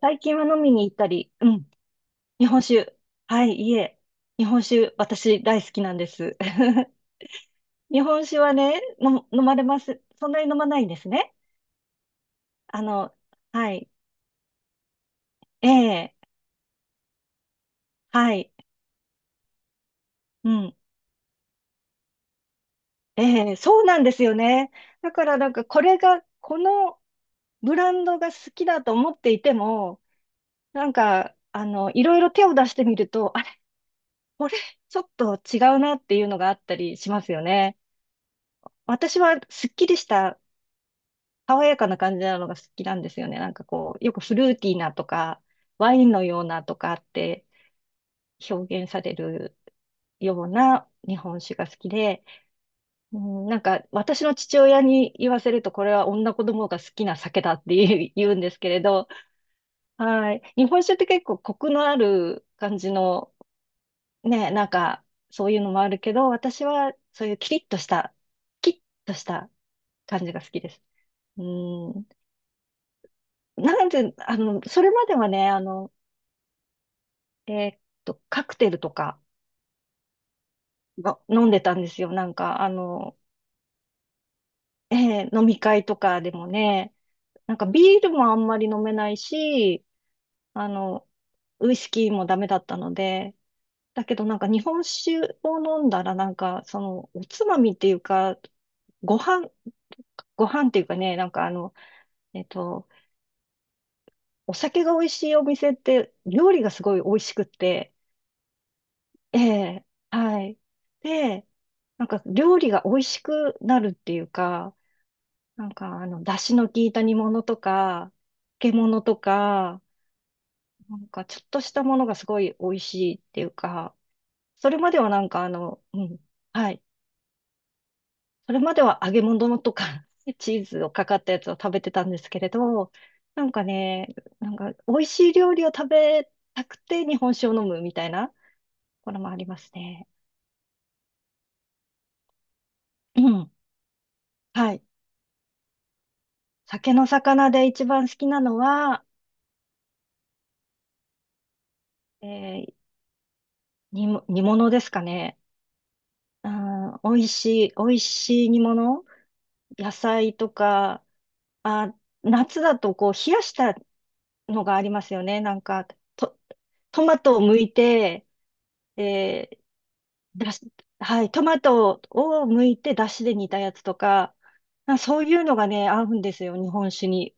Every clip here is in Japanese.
最近は飲みに行ったり、うん、日本酒。はい、いえ、日本酒、私大好きなんです。日本酒はね、の飲まれます。そんなに飲まないんですね。あの、はい、ええ、はい、うん、ええ、そうなんですよね。だからなんかこれが、このブランドが好きだと思っていても、なんか、いろいろ手を出してみると、あれ、これ、ちょっと違うなっていうのがあったりしますよね。私はすっきりした爽やかな感じなのが好きなんですよね。なんかこう、よくフルーティーなとか、ワインのようなとかって表現されるような日本酒が好きで、うん、なんか私の父親に言わせると、これは女子供が好きな酒だって言うんですけれど、はい。日本酒って結構コクのある感じの、ね、なんかそういうのもあるけど、私はそういうキリッとした、キッとした感じが好きです。うん、なんで、それまではね、えーっカクテルとかが飲んでたんですよ。なんか、飲み会とかでもね、なんかビールもあんまり飲めないし、あの、ウイスキーもダメだったので、だけどなんか日本酒を飲んだらなんか、その、おつまみっていうか、ご飯、ご飯っていうかね、なんかえっと、お酒が美味しいお店って、料理がすごい美味しくって、ええ、はい。で、なんか料理が美味しくなるっていうか、なんか、出汁の効いた煮物とか、漬物とか、なんか、ちょっとしたものがすごい美味しいっていうか、それまではなんか、はい。それまでは揚げ物とか、チーズをかかったやつを食べてたんですけれど、なんかね、なんか、美味しい料理を食べたくて日本酒を飲むみたいな、これもありますね。うん。はい。酒の魚で一番好きなのは、えー、煮物ですかね。あー、美味しい、美味しい煮物、野菜とか、あー、夏だとこう冷やしたのがありますよね。なんか、と、トマトを剥いて、えだし、はい、トマトを剥いて出汁で煮たやつとか、あ、そういうのがね、合うんですよ、日本酒に。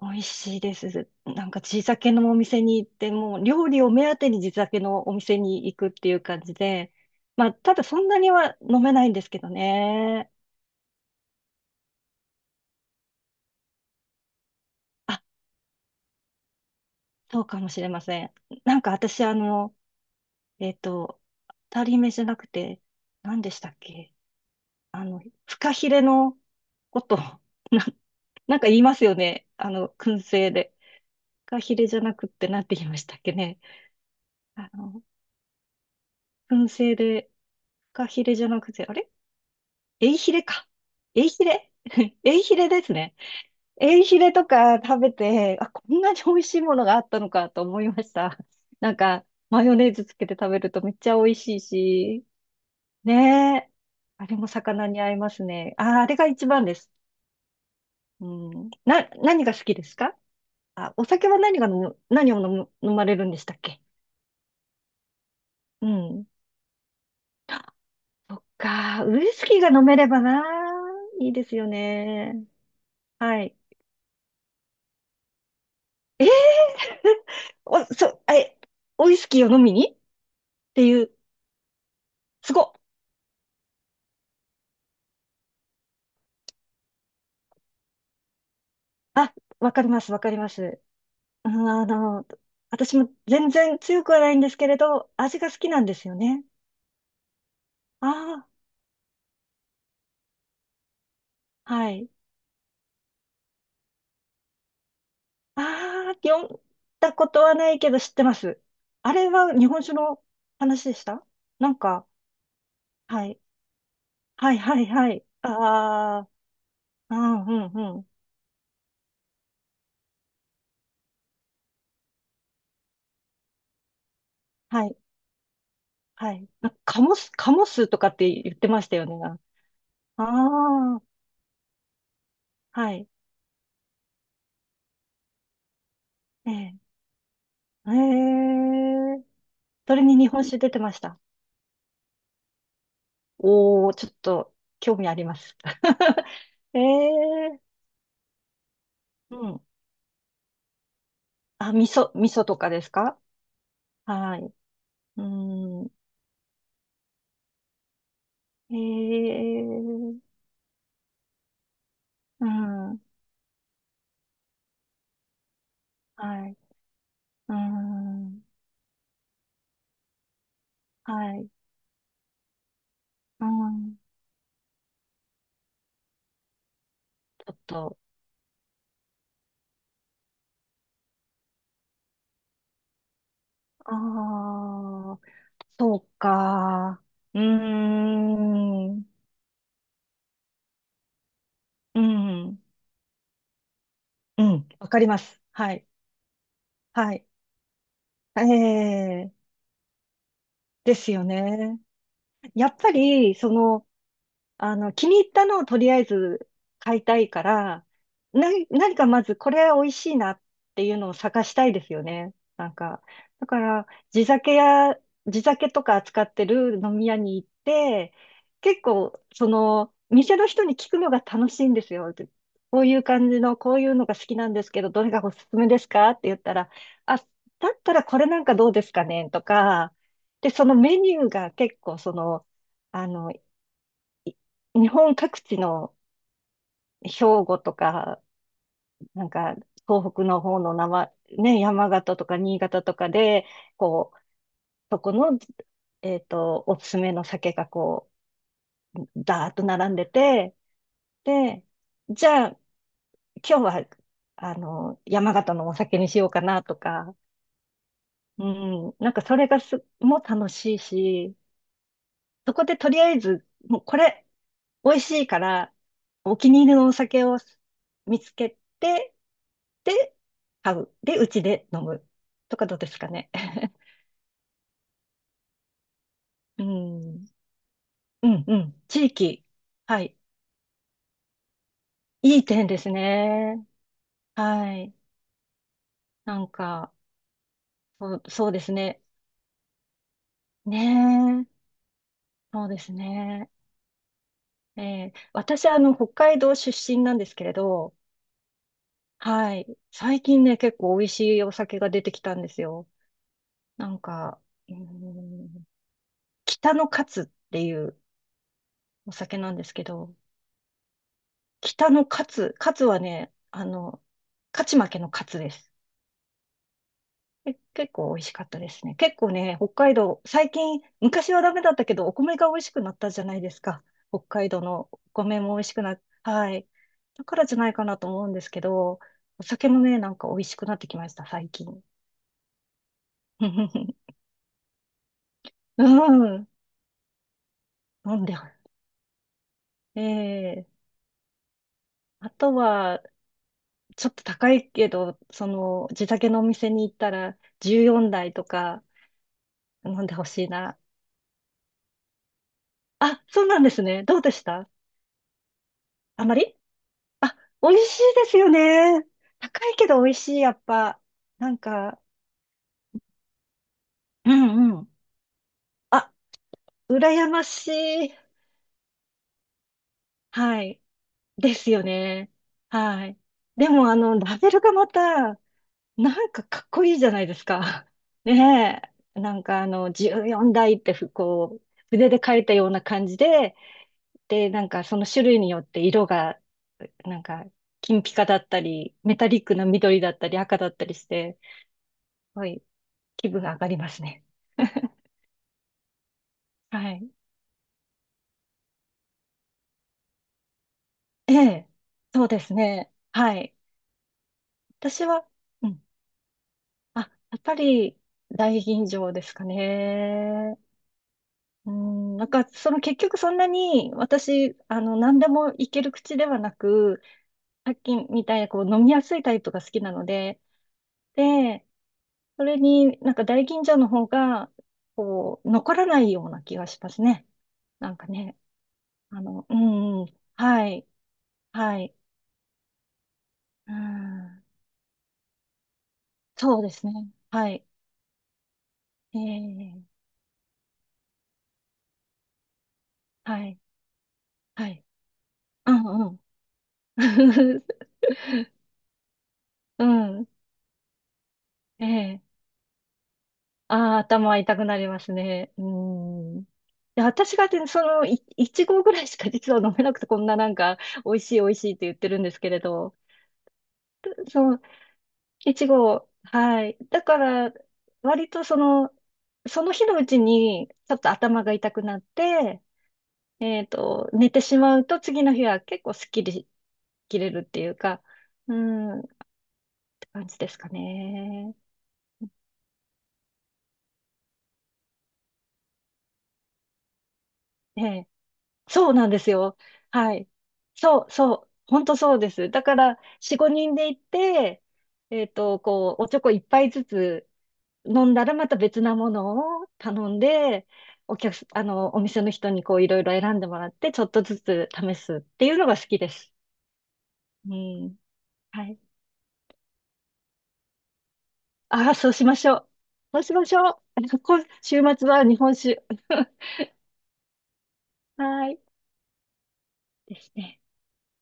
美味しいです。なんか地酒のお店に行って、もう料理を目当てに地酒のお店に行くっていう感じで、まあ、ただそんなには飲めないんですけどね。そうかもしれません。なんか私、えっと、当たり目じゃなくて、何でしたっけ。あの、フカヒレのこと、なんか言いますよね。燻製で。フカヒレじゃなくって、なんて言いましたっけね。あの、燻製で、フカヒレじゃなくて、あれ、エイヒレか。エイヒレ、 エイヒレですね。エイヒレとか食べて、あ、こんなに美味しいものがあったのかと思いました。なんか、マヨネーズつけて食べるとめっちゃ美味しいし、ねえ。あれも魚に合いますね。ああ、あれが一番です。うん。何が好きですか？あ、お酒は何が飲む、飲まれるんでしたっけ？うん。そっか。ウイスキーが飲めればな。いいですよね。はい。え、お、そ、え、ウイスキーを飲みにっていう、すごっ。あ、わかります、わかります。うん、私も全然強くはないんですけれど、味が好きなんですよね。ああ、はい。ああ、読んだことはないけど知ってます。あれは日本酒の話でした？なんか、はい。はい、はい、はい。ああ、うん、うん、うん。はい、はい。なんかカモスとかって言ってましたよね。ああ、はい。ええ。ええ。それに日本酒出てました。おー、ちょっと興味あります。ええ。うん。あ、味噌とかですか？はい。うん。へえ、うん、はい、うん、はい、うん、ちょっと、ああ、そうか、うーん、うん、うん、わかります。はい、はい、ええ、ですよね。やっぱり、その、気に入ったのをとりあえず買いたいから、何かまずこれ美味しいなっていうのを探したいですよね。なんか、だから、地酒とか扱ってる飲み屋に行って、結構、その、店の人に聞くのが楽しいんですよ。こういう感じの、こういうのが好きなんですけど、どれがおすすめですかって言ったら、あ、だったらこれなんかどうですかねとか、で、そのメニューが結構、その、あの、日本各地の兵庫とか、なんか東北の方の生、ね、山形とか新潟とかで、こう、そこの、おすすめの酒がこう、ダーッと並んでて、で、じゃあ今日は、山形のお酒にしようかなとか、うん、なんかそれがも楽しいし、そこでとりあえず、もうこれ、美味しいから、お気に入りのお酒を見つけて、で、買う。で、うちで飲む、とかどうですかね。うん。うん、うん。地域。はい。いい点ですね。はい。なんか、そう、そうですね。ねえ。そうですね。ええ、私、北海道出身なんですけれど、はい。最近ね、結構美味しいお酒が出てきたんですよ。なんか、うーん、北のカツっていうお酒なんですけど、北のカツ、カツはね、勝ち負けのカツです。結構美味しかったですね。結構ね、北海道、最近、昔はダメだったけど、お米が美味しくなったじゃないですか。北海道のお米も美味しくな、はい。だからじゃないかなと思うんですけど、お酒もね、なんか美味しくなってきました、最近。うん、飲んでます。ええ、あとは、ちょっと高いけど、その、地酒のお店に行ったら、14台とか飲んでほしいな。あ、そうなんですね。どうでした？あまり、あ、美味しいですよね。高いけど美味しい、やっぱ。なんか、うんうん。あ、羨ましい。はい。ですよね。はい。でも、ラベルがまた、なんかかっこいいじゃないですか。ねえ。なんか、14代って、ふこう、筆で書いたような感じで、で、なんかその種類によって色が、なんか金ピカだったり、メタリックな緑だったり赤だったりして、すごい気分が上がりますね。はい。ええ、そうですね。はい。私は、うん。あ、やっぱり大吟醸ですかね。うん、なんか、その結局そんなに私、何でもいける口ではなく、さっきみたいなこう飲みやすいタイプが好きなので、で、それになんか大吟醸の方が、こう、残らないような気がしますね。なんかね、うんうん、はい、はい、うん、そうですね。はい、ええ、はい、はい、うんうん。うん、ええ、ああ、頭痛くなりますね。うん。で、私がね、その、いち合ぐらいしか実は飲めなくて、こんななんか、美味しい美味しいって言ってるんですけれど、そう、いちご、はい。だから、割とその、その日のうちに、ちょっと頭が痛くなって、寝てしまうと、次の日は結構スッキリ切れるっていうか、うん、って感じですかね。ええ。そうなんですよ。はい。そう、そう。本当そうです。だから、4、5人で行って、こう、おちょこ一杯ずつ飲んだらまた別なものを頼んで、お客す、お店の人にこういろいろ選んでもらって、ちょっとずつ試すっていうのが好きです。うん。はい。ああ、そうしましょう。そうしましょう。こ週末は日本酒。はい。ですね。